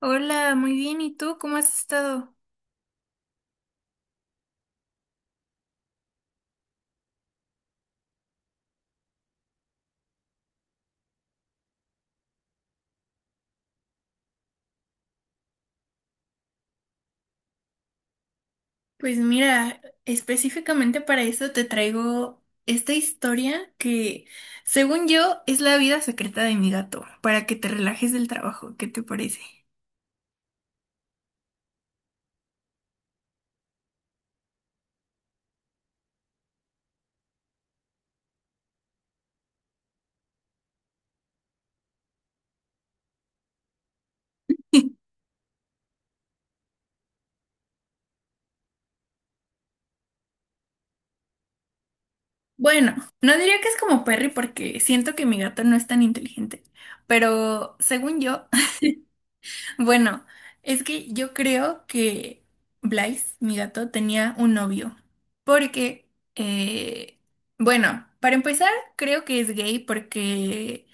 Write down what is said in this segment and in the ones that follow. Hola, muy bien. ¿Y tú cómo has estado? Pues mira, específicamente para eso te traigo esta historia que, según yo, es la vida secreta de mi gato, para que te relajes del trabajo. ¿Qué te parece? Bueno, no diría que es como Perry porque siento que mi gato no es tan inteligente, pero según yo. Bueno, es que yo creo que Blaise, mi gato, tenía un novio. Porque, eh, bueno, para empezar, creo que es gay porque,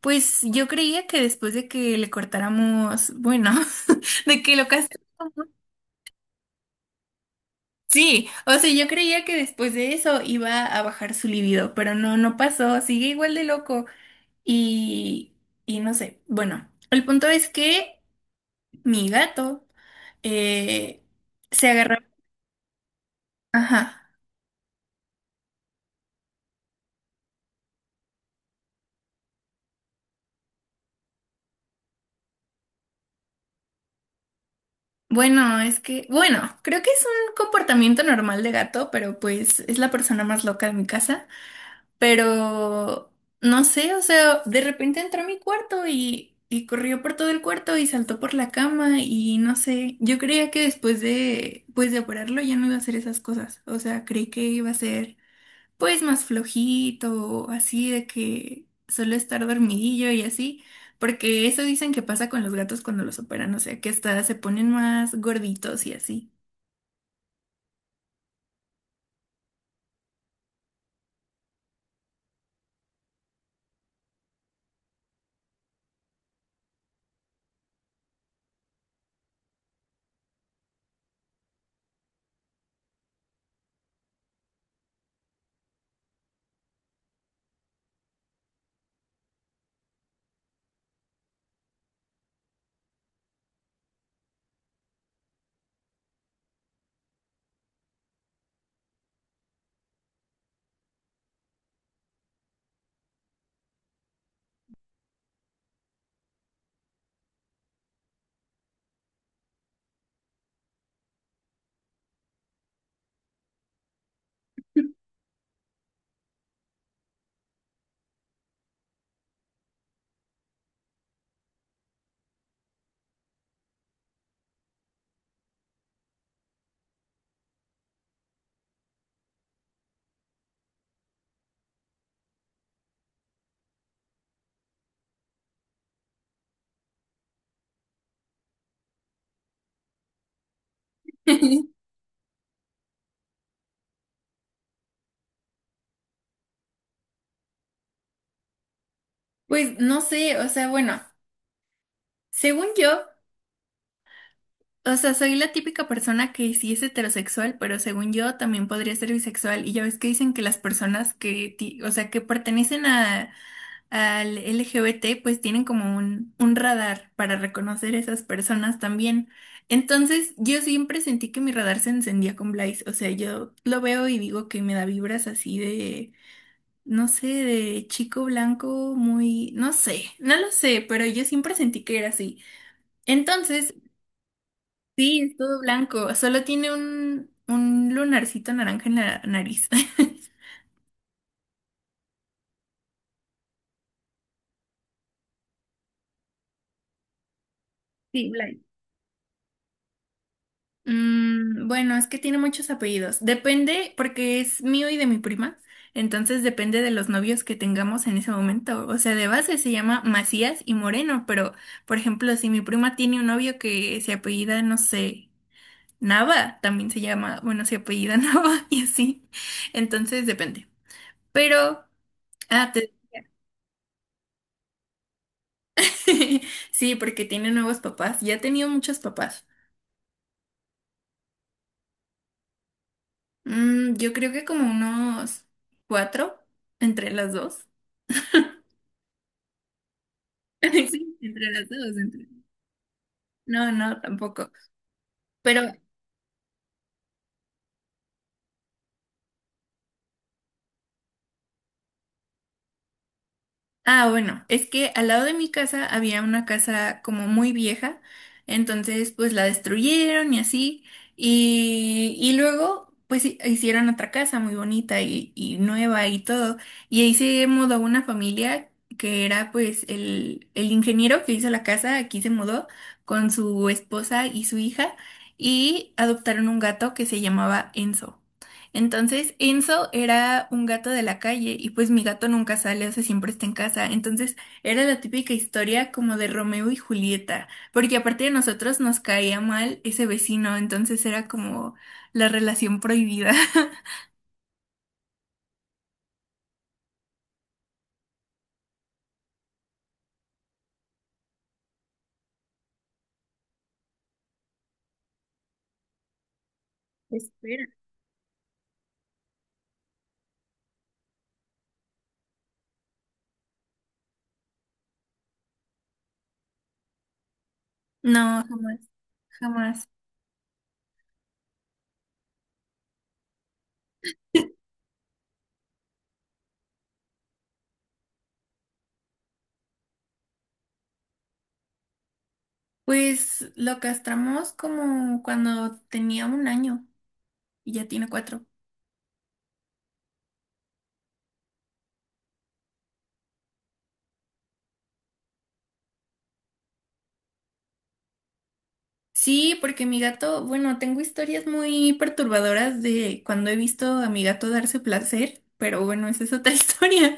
pues yo creía que después de que le cortáramos, bueno, de que lo castráramos, sí, o sea, yo creía que después de eso iba a bajar su libido, pero no, no pasó, sigue igual de loco. Y, y no sé, bueno, el punto es que... Mi gato, eh, se agarró. Ajá. Bueno, es que, bueno, creo que es un comportamiento normal de gato, pero pues es la persona más loca de mi casa. Pero no sé, o sea, de repente entró a mi cuarto y corrió por todo el cuarto y saltó por la cama y no sé, yo creía que después de, pues de operarlo ya no iba a hacer esas cosas. O sea, creí que iba a ser pues más flojito, así de que solo estar dormidillo y así, porque eso dicen que pasa con los gatos cuando los operan, o sea, que hasta se ponen más gorditos y así. Pues no sé, o sea, bueno, según yo, o sea, soy la típica persona que sí es heterosexual, pero según yo también podría ser bisexual. Y ya ves que dicen que las personas que, o sea, que pertenecen a al LGBT, pues tienen como un radar para reconocer esas personas también. Entonces, yo siempre sentí que mi radar se encendía con Blaze. O sea, yo lo veo y digo que me da vibras así de, no sé, de chico blanco muy, no sé, no lo sé, pero yo siempre sentí que era así. Entonces, sí, es todo blanco, solo tiene un lunarcito naranja en la nariz. Sí. Mm, bueno, es que tiene muchos apellidos. Depende, porque es mío y de mi prima. Entonces depende de los novios que tengamos en ese momento. O sea, de base se llama Macías y Moreno, pero por ejemplo, si mi prima tiene un novio que se apellida, no sé, Nava, también se llama, bueno, se apellida Nava y así. Entonces depende. Pero, ah, te- sí, porque tiene nuevos papás. Ya ha tenido muchos papás. Mm, yo creo que como unos cuatro entre las dos. Sí, entre las dos. No, no, tampoco. Pero, ah, bueno, es que al lado de mi casa había una casa como muy vieja, entonces pues la destruyeron y así, y luego pues hicieron otra casa muy bonita y nueva y todo, y ahí se mudó una familia que era pues el ingeniero que hizo la casa, aquí se mudó con su esposa y su hija, y adoptaron un gato que se llamaba Enzo. Entonces, Enzo era un gato de la calle y pues mi gato nunca sale, o sea, siempre está en casa. Entonces, era la típica historia como de Romeo y Julieta, porque aparte de nosotros nos caía mal ese vecino, entonces era como la relación prohibida. Espera. No, jamás, jamás. Pues lo castramos como cuando tenía 1 año y ya tiene 4. Sí, porque mi gato, bueno, tengo historias muy perturbadoras de cuando he visto a mi gato darse placer, pero bueno, esa es otra historia.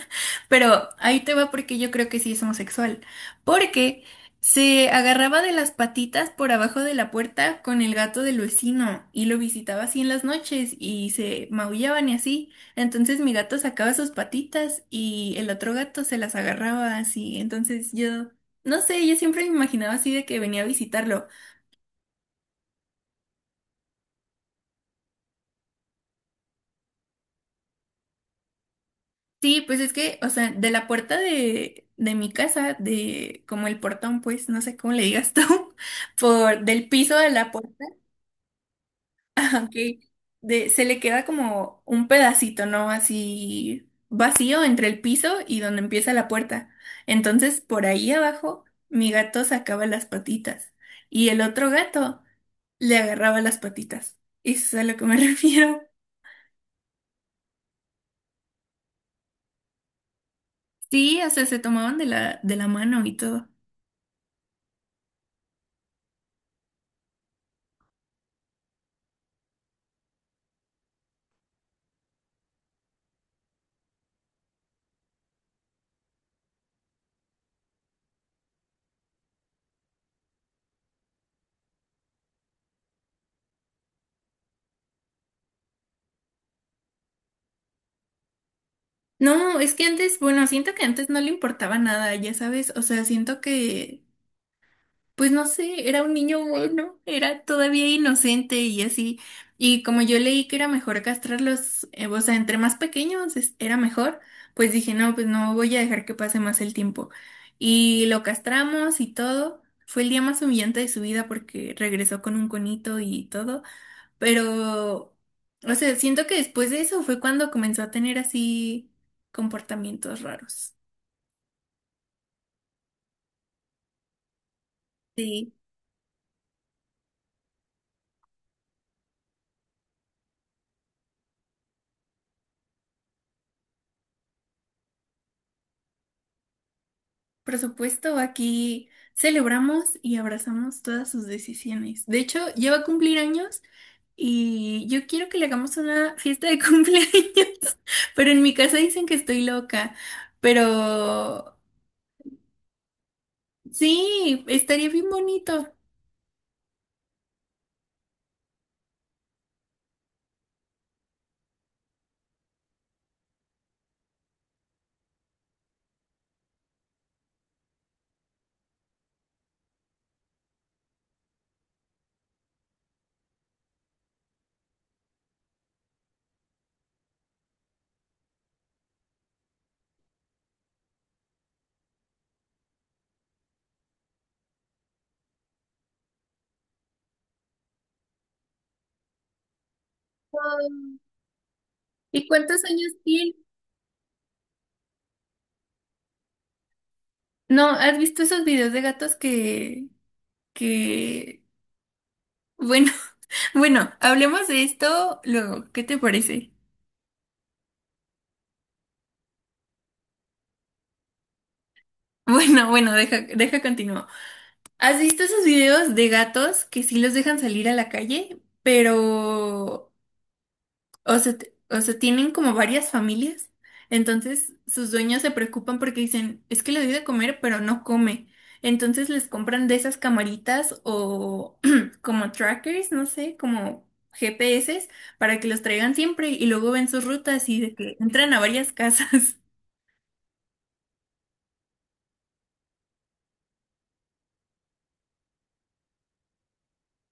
Pero ahí te va porque yo creo que sí es homosexual. Porque se agarraba de las patitas por abajo de la puerta con el gato del vecino y lo visitaba así en las noches y se maullaban y así. Entonces mi gato sacaba sus patitas y el otro gato se las agarraba así. Entonces yo... No sé, yo siempre me imaginaba así de que venía a visitarlo. Sí, pues es que, o sea, de la puerta de mi casa, de como el portón, pues, no sé cómo le digas tú, por del piso de la puerta, ok, de, se le queda como un pedacito, ¿no? Así vacío entre el piso y donde empieza la puerta. Entonces, por ahí abajo, mi gato sacaba las patitas y el otro gato le agarraba las patitas. Eso es a lo que me refiero. Sí, o sea, se tomaban de la mano y todo. No, es que antes, bueno, siento que antes no le importaba nada, ya sabes, o sea, siento que, pues no sé, era un niño bueno, era todavía inocente y así, y como yo leí que era mejor castrarlos, o sea, entre más pequeños era mejor, pues dije, no, pues no voy a dejar que pase más el tiempo. Y lo castramos y todo, fue el día más humillante de su vida porque regresó con un conito y todo. Pero, o sea, siento que después de eso fue cuando comenzó a tener así comportamientos raros. Sí. Por supuesto, aquí celebramos y abrazamos todas sus decisiones. De hecho, ya va a cumplir años y yo quiero que le hagamos una fiesta de cumpleaños, pero en mi casa dicen que estoy loca. Pero sí, estaría bien bonito. ¿Y cuántos años tiene? No, ¿has visto esos videos de gatos que, bueno, bueno, hablemos de esto luego. ¿Qué te parece? Bueno, bueno, deja continuo. ¿Has visto esos videos de gatos que sí los dejan salir a la calle, pero o sea, o sea, tienen como varias familias, entonces sus dueños se preocupan porque dicen, es que le doy de comer, pero no come. Entonces les compran de esas camaritas o como trackers, no sé, como GPS para que los traigan siempre y luego ven sus rutas y de que entran a varias casas.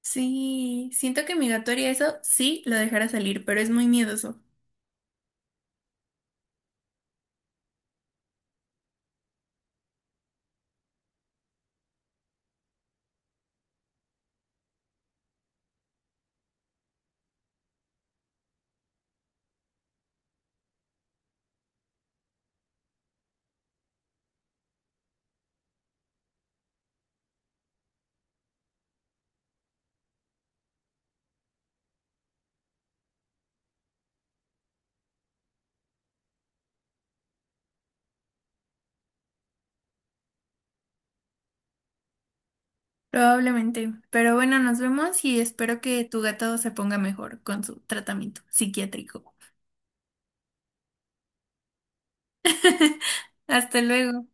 Sí, siento que mi gato haría eso, sí, lo dejara salir, pero es muy miedoso. Probablemente. Pero bueno, nos vemos y espero que tu gato se ponga mejor con su tratamiento psiquiátrico. Hasta luego.